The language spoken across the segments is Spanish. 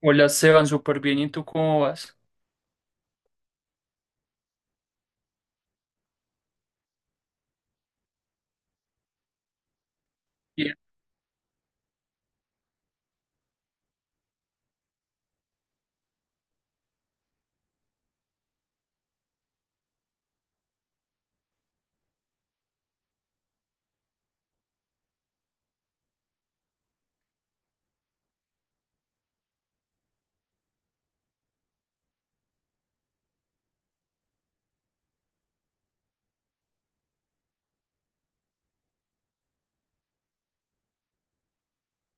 Hola, Esteban, súper bien. ¿Y tú cómo vas? Bien.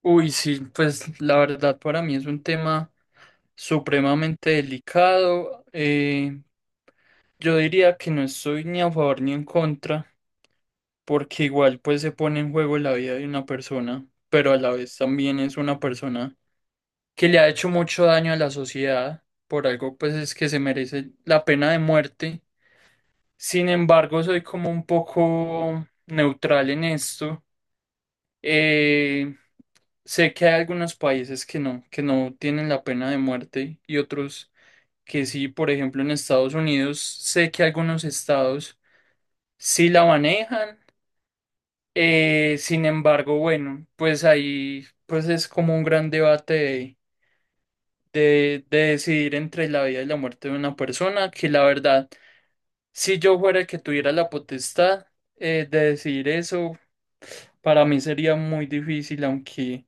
Uy, sí, pues la verdad para mí es un tema supremamente delicado. Yo diría que no estoy ni a favor ni en contra, porque igual pues se pone en juego la vida de una persona, pero a la vez también es una persona que le ha hecho mucho daño a la sociedad, por algo pues es que se merece la pena de muerte. Sin embargo, soy como un poco neutral en esto. Eh, sé que hay algunos países que no tienen la pena de muerte y otros que sí, por ejemplo, en Estados Unidos, sé que algunos estados sí la manejan. Sin embargo, bueno, pues ahí pues es como un gran debate de decidir entre la vida y la muerte de una persona, que la verdad, si yo fuera el que tuviera la potestad de decidir eso, para mí sería muy difícil, aunque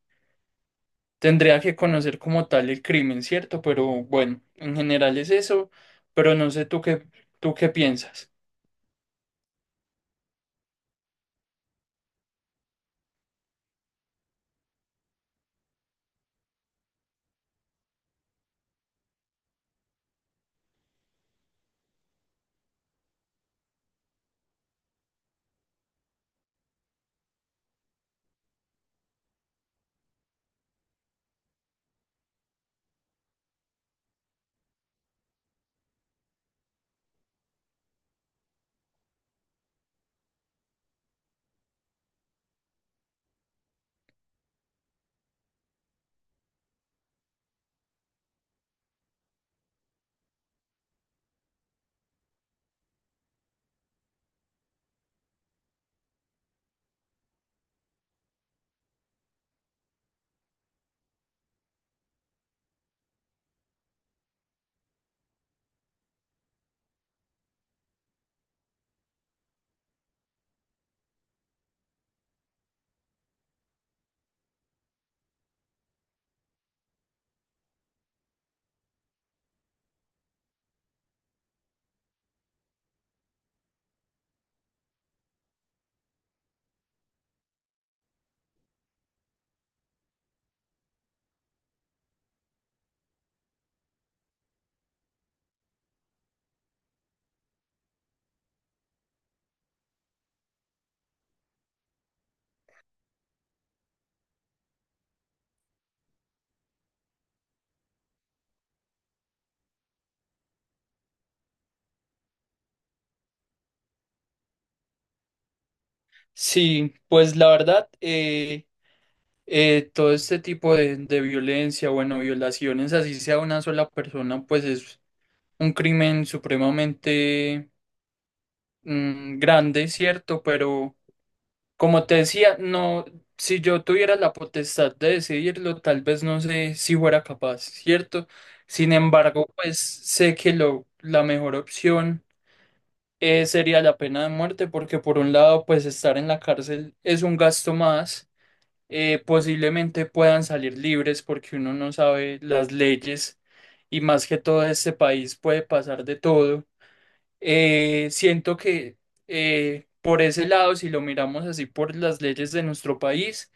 tendría que conocer como tal el crimen, ¿cierto? Pero bueno, en general es eso, pero no sé tú qué piensas. Sí, pues la verdad, todo este tipo de violencia, bueno, violaciones, así sea una sola persona, pues es un crimen supremamente grande, ¿cierto? Pero como te decía, no, si yo tuviera la potestad de decidirlo, tal vez no sé si fuera capaz, ¿cierto? Sin embargo, pues sé que lo, la mejor opción sería la pena de muerte, porque por un lado, pues estar en la cárcel es un gasto más, posiblemente puedan salir libres porque uno no sabe las leyes y más que todo este país puede pasar de todo. Siento que por ese lado, si lo miramos así por las leyes de nuestro país,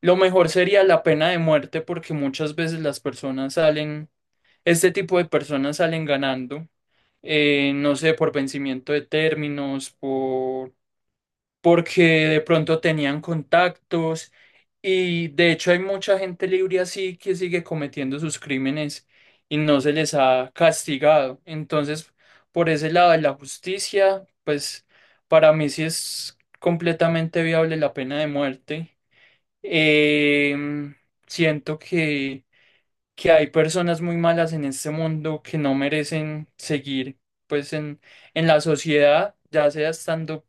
lo mejor sería la pena de muerte porque muchas veces las personas salen, este tipo de personas salen ganando, no sé, por vencimiento de términos, porque de pronto tenían contactos y de hecho hay mucha gente libre así que sigue cometiendo sus crímenes y no se les ha castigado. Entonces, por ese lado de la justicia, pues para mí sí es completamente viable la pena de muerte. Em, siento que hay personas muy malas en este mundo que no merecen seguir pues en la sociedad, ya sea estando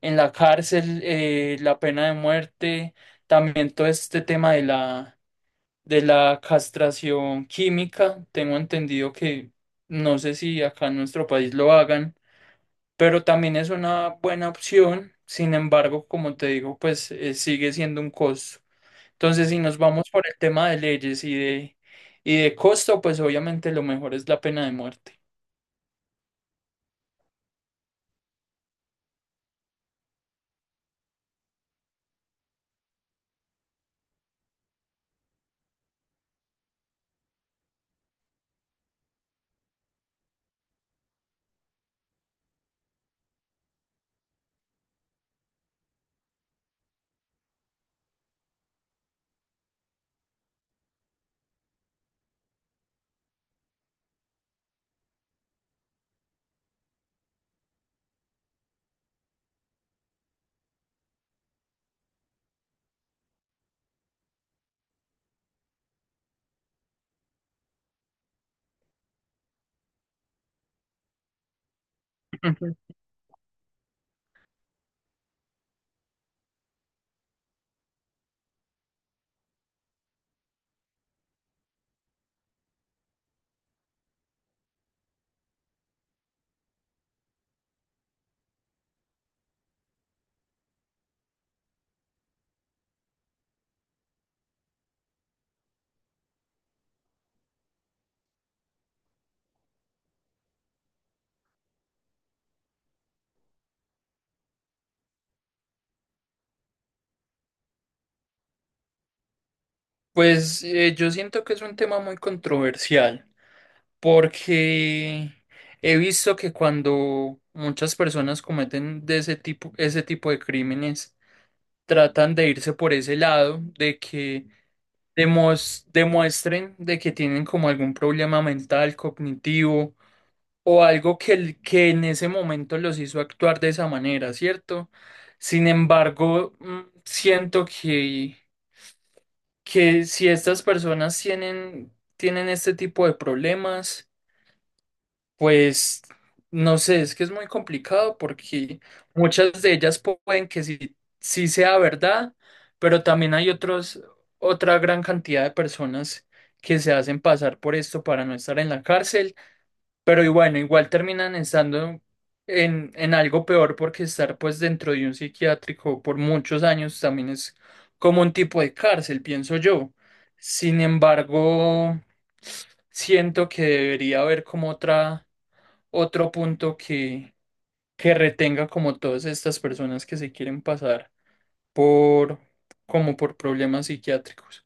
en la cárcel, la pena de muerte, también todo este tema de la castración química. Tengo entendido que no sé si acá en nuestro país lo hagan, pero también es una buena opción. Sin embargo, como te digo, pues sigue siendo un costo. Entonces, si nos vamos por el tema de leyes y de costo, pues obviamente lo mejor es la pena de muerte. Ujú. Pues yo siento que es un tema muy controversial, porque he visto que cuando muchas personas cometen de ese tipo de crímenes, tratan de irse por ese lado, de que demuestren de que tienen como algún problema mental, cognitivo o algo que, que en ese momento los hizo actuar de esa manera, ¿cierto? Sin embargo, siento que si estas personas tienen, tienen este tipo de problemas, pues no sé, es que es muy complicado porque muchas de ellas pueden que sí, sí sea verdad, pero también hay otros, otra gran cantidad de personas que se hacen pasar por esto para no estar en la cárcel, pero y bueno, igual terminan estando en algo peor porque estar pues dentro de un psiquiátrico por muchos años también es como un tipo de cárcel, pienso yo. Sin embargo, siento que debería haber como otra, otro punto que retenga como todas estas personas que se quieren pasar por como por problemas psiquiátricos.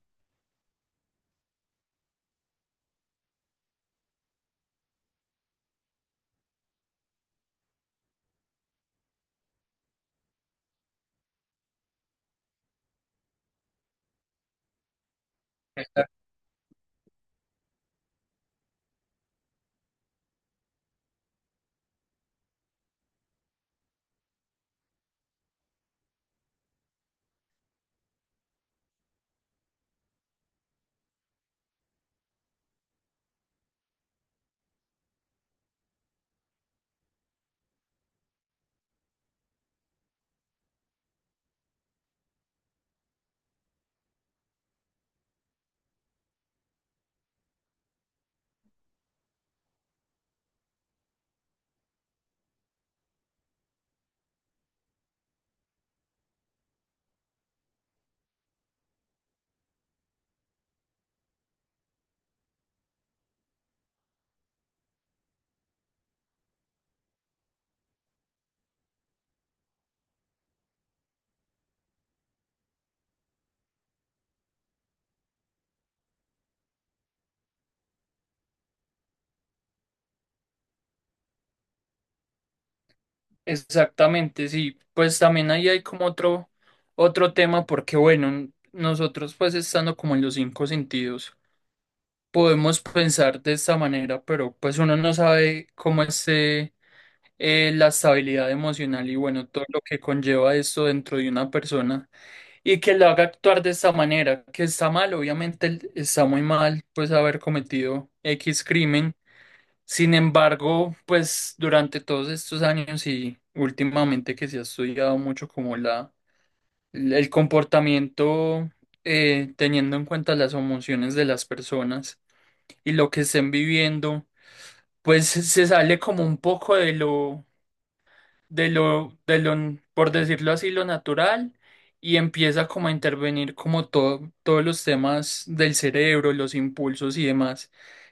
Exactamente, sí. Pues también ahí hay como otro, otro tema, porque bueno, nosotros pues estando como en los cinco sentidos, podemos pensar de esta manera, pero pues uno no sabe cómo esté la estabilidad emocional y bueno, todo lo que conlleva esto dentro de una persona y que la haga actuar de esa manera, que está mal, obviamente él está muy mal, pues haber cometido X crimen. Sin embargo, pues durante todos estos años y últimamente que se ha estudiado mucho como la, el comportamiento teniendo en cuenta las emociones de las personas y lo que estén viviendo, pues se sale como un poco de lo de lo, de lo, por decirlo así, lo natural y empieza como a intervenir como todo, todos los temas del cerebro, los impulsos y demás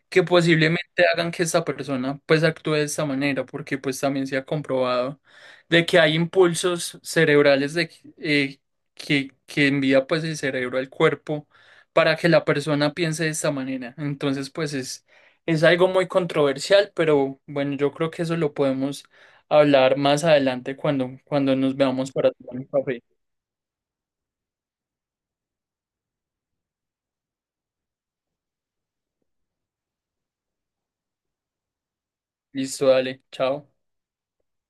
que posiblemente hagan que esta persona pues actúe de esta manera, porque pues también se ha comprobado de que hay impulsos cerebrales de, eh, que envía pues el cerebro al cuerpo para que la persona piense de esta manera. Entonces pues es algo muy controversial, pero bueno, yo creo que eso lo podemos hablar más adelante cuando, cuando nos veamos para tomar un café. Listo, dale, chao.